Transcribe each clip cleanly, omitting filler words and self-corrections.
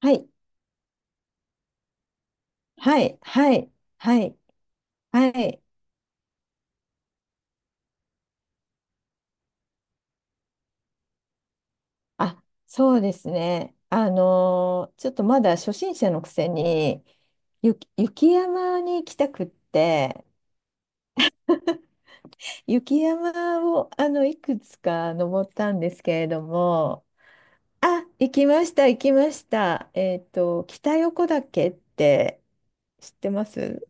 はい、はい、はい、はい、はい。あ、そうですね。ちょっとまだ初心者のくせに、雪山に行きたくって、雪山をいくつか登ったんですけれども、あ、行きました、行きました。北横岳って知ってます？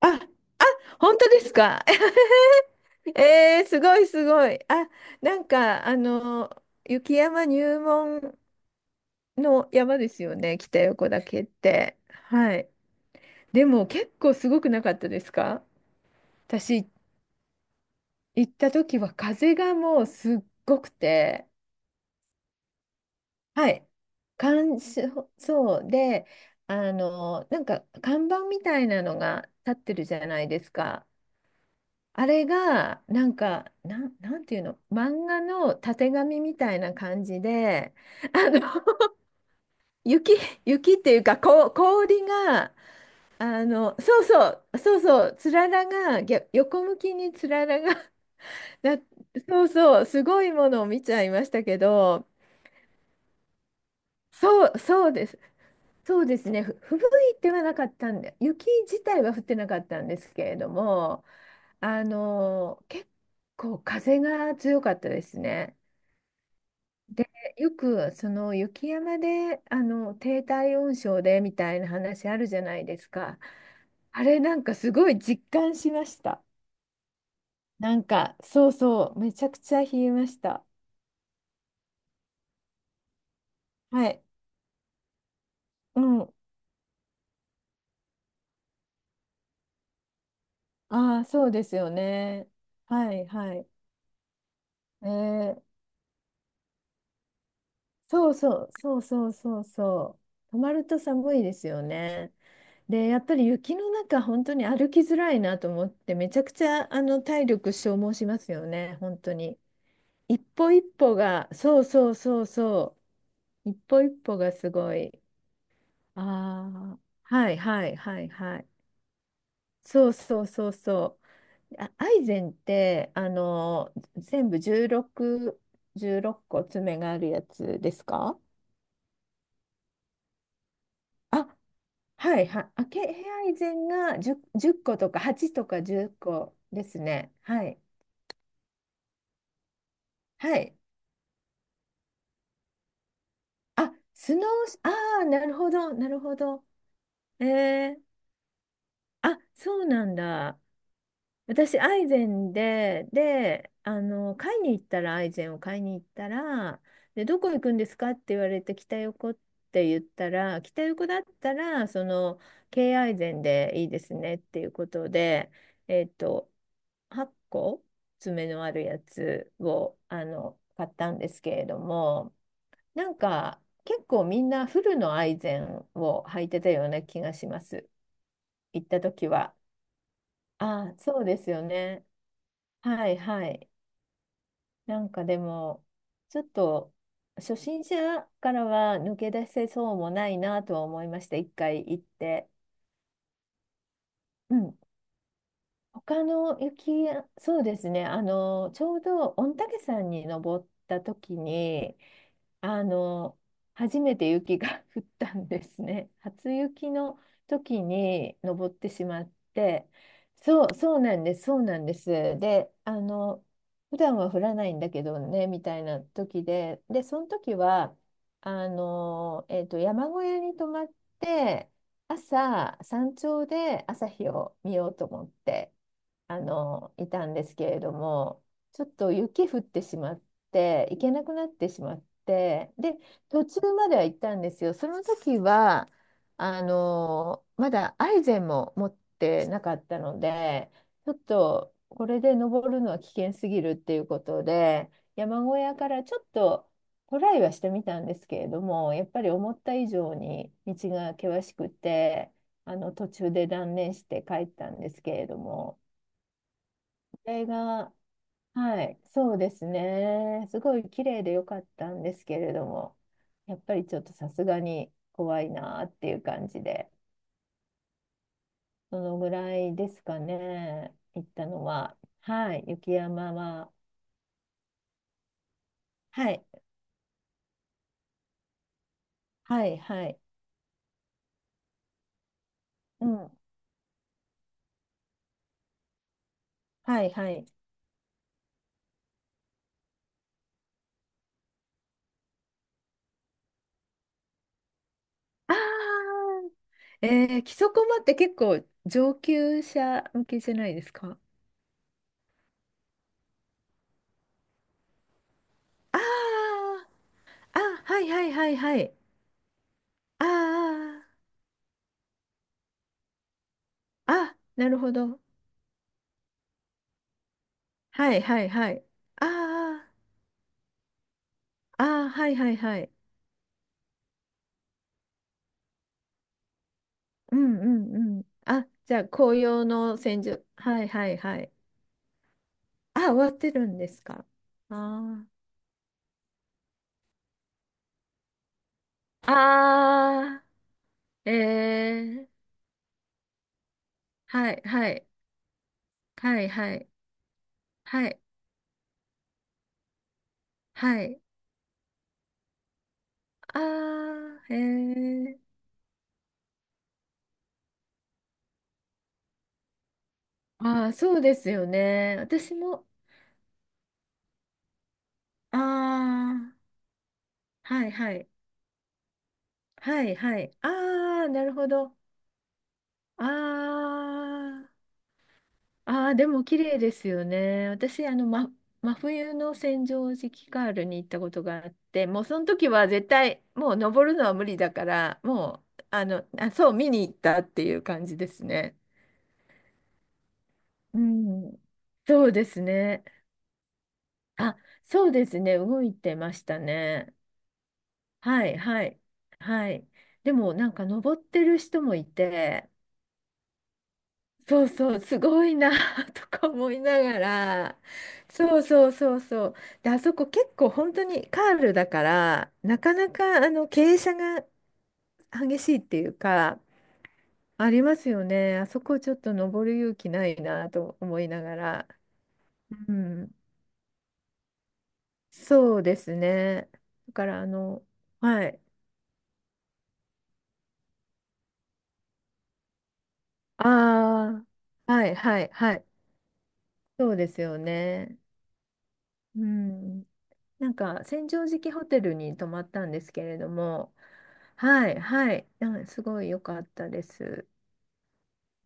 あ、あ、本当ですか えー、すごいすごい。あ、なんか、雪山入門の山ですよね、北横岳って。はい。でも結構すごくなかったですか？私行った時は風がもうすっごくて、はい。感想、そうで、なんか看板みたいなのが立ってるじゃないですか。あれが、なんか、なんていうの、漫画のたてがみみたいな感じで、あの、雪、雪っていうか、こう、氷が、そうそう、そうそう、つららが、逆横向きにつららが、な、そうそう、すごいものを見ちゃいましたけど、そうです。そうですね。吹雪いてはなかったんで、雪自体は降ってなかったんですけれども、結構風が強かったですね。で、よくその雪山で低体温症でみたいな話あるじゃないですか。あれなんかすごい実感しました。なんかそうそう、めちゃくちゃ冷えました。はい。うん。ああ、そうですよね。はいはい。えーそうそうそうそうそうそう。止まると寒いですよね。で、やっぱり雪の中、本当に歩きづらいなと思って、めちゃくちゃ体力消耗しますよね、本当に。一歩一歩が、そうそうそうそう、一歩一歩がすごい。ああ、はいはいはいはい。そうそうそうそう。あ、アイゼンって、全部16個爪があるやつですか？あ、はいはい。あ、ヘアアイゼンが10、個とか8とか10個ですね。はい。はい。あ、スノー、ああ、なるほど、なるほど。えー、あ、そうなんだ。私、アイゼンで、買いに行ったら、アイゼンを買いに行ったら、で、どこ行くんですかって言われて、北横って言ったら、北横だったら、京アイゼンでいいですねっていうことで、えっと、8個爪のあるやつを、買ったんですけれども、なんか、結構みんなフルのアイゼンを履いてたような気がします。行った時は。ああ、そうですよね。はいはい。なんかでも、ちょっと初心者からは抜け出せそうもないなとは思いました。一回行って。うん、他の雪や、そうですね、ちょうど御嶽山に登った時に、あの、初めて雪が 降ったんですね。初雪の時に登ってしまって、そうなんです、そうなんです。で、普段は降らないんだけどね、みたいな時で、その時は、山小屋に泊まって、朝、山頂で朝日を見ようと思って。いたんですけれども、ちょっと雪降ってしまって、行けなくなってしまって、で、途中までは行ったんですよ。その時は、まだアイゼンも持ってなかったので、ちょっとこれで登るのは危険すぎるっていうことで、山小屋からちょっとトライはしてみたんですけれども、やっぱり思った以上に道が険しくて、途中で断念して帰ったんですけれども。これが、はい、そうですね。すごい綺麗でよかったんですけれども、やっぱりちょっとさすがに怖いなっていう感じで、そのぐらいですかね、行ったのは。はい、雪山は、はい、はい、はい、うん、はい、はい。あーえ木曽駒って結構上級者向けじゃないですか？あーあ、はいはいはいはい。あーあ、なるほど。はいはいはい。ああ、ああ、はいはいはい。うんうんうん。あ、じゃあ紅葉の千住。はいはいはい。あ、終わってるんですか？ああ。ああ、ええはいはいはいはいはいはい。ああ、ええああ、そうですよね。私も、ああ、はいはいはいはい。ああ、なるほど。ああ。ああ、でも綺麗ですよね。私、真冬の千畳敷カールに行ったことがあって、もうその時は絶対、もう登るのは無理だから、もう、あ、そう、見に行ったっていう感じですね。うん。そうですね。あ、そうですね。動いてましたね。はい、はい、はい。でも、なんか登ってる人もいて、そうそう、すごいな とか思いながら、そうそうそうそう。で、あそこ結構本当にカールだから、なかなか傾斜が激しいっていうか、ありますよね。あそこちょっと登る勇気ないなと思いながら。うん、そうですね。だからはい。ああ、はいはいはい。そうですよね。うん。なんか、千畳敷ホテルに泊まったんですけれども、はい、はい、うんすごい良かったです。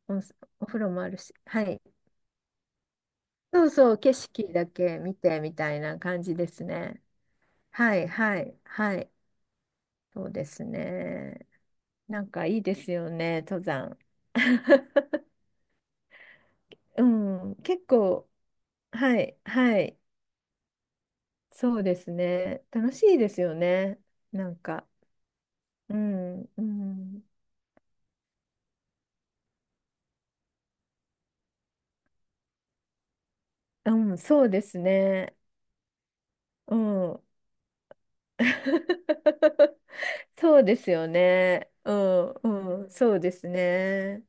お、お風呂もあるし、はい。そうそう、景色だけ見てみたいな感じですね。はい、はい、はい。そうですね。なんかいいですよね、登山。うん、結構、はい、はい。そうですね。楽しいですよね。なんか、うん、うん、うん、そうですね。うん。そうですよね。うん、うん、そうですね。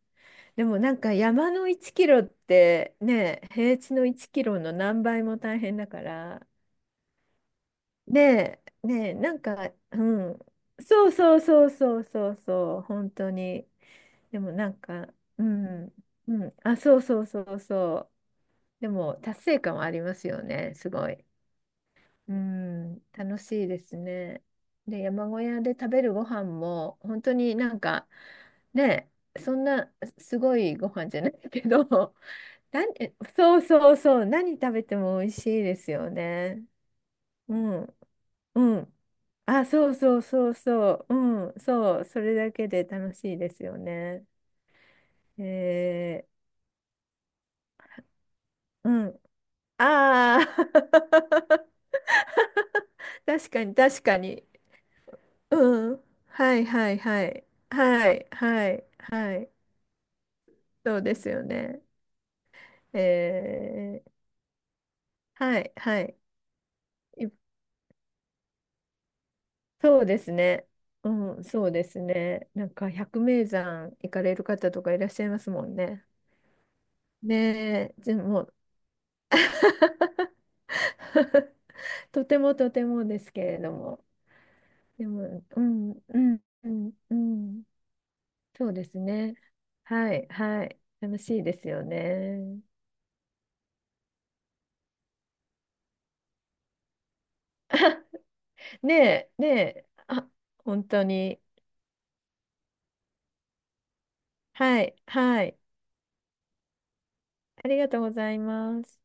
でもなんか山の1キロってね、平地の1キロの何倍も大変だから、ねえ、ねえ、なんか、うん、そうそうそうそうそうそう、本当に。でもなんか、うん、うん、あ、そうそうそうそう。でも達成感はありますよね、すごい。うん、楽しいですね。で、山小屋で食べるご飯も、本当になんか、ね、そんなすごいご飯じゃないけど、なそうそうそう、何食べても美味しいですよね。うん、うん。あ、そうそうそうそう、うん、そう、それだけで楽しいですよね。えー、うん。ああ、確かに確かに。うん。はいはいはい。はいはいはい。そうですよね。えー、はいはい。いそうですね。うん、そうですね。なんか百名山行かれる方とかいらっしゃいますもんね。ねえ、でも、とてもとてもですけれども。でも、うん、うん、うん、うん。そうですね。はいはい。楽しいですよね。ねえ、ねえ、あ、本当に。はい、はい。ありがとうございます。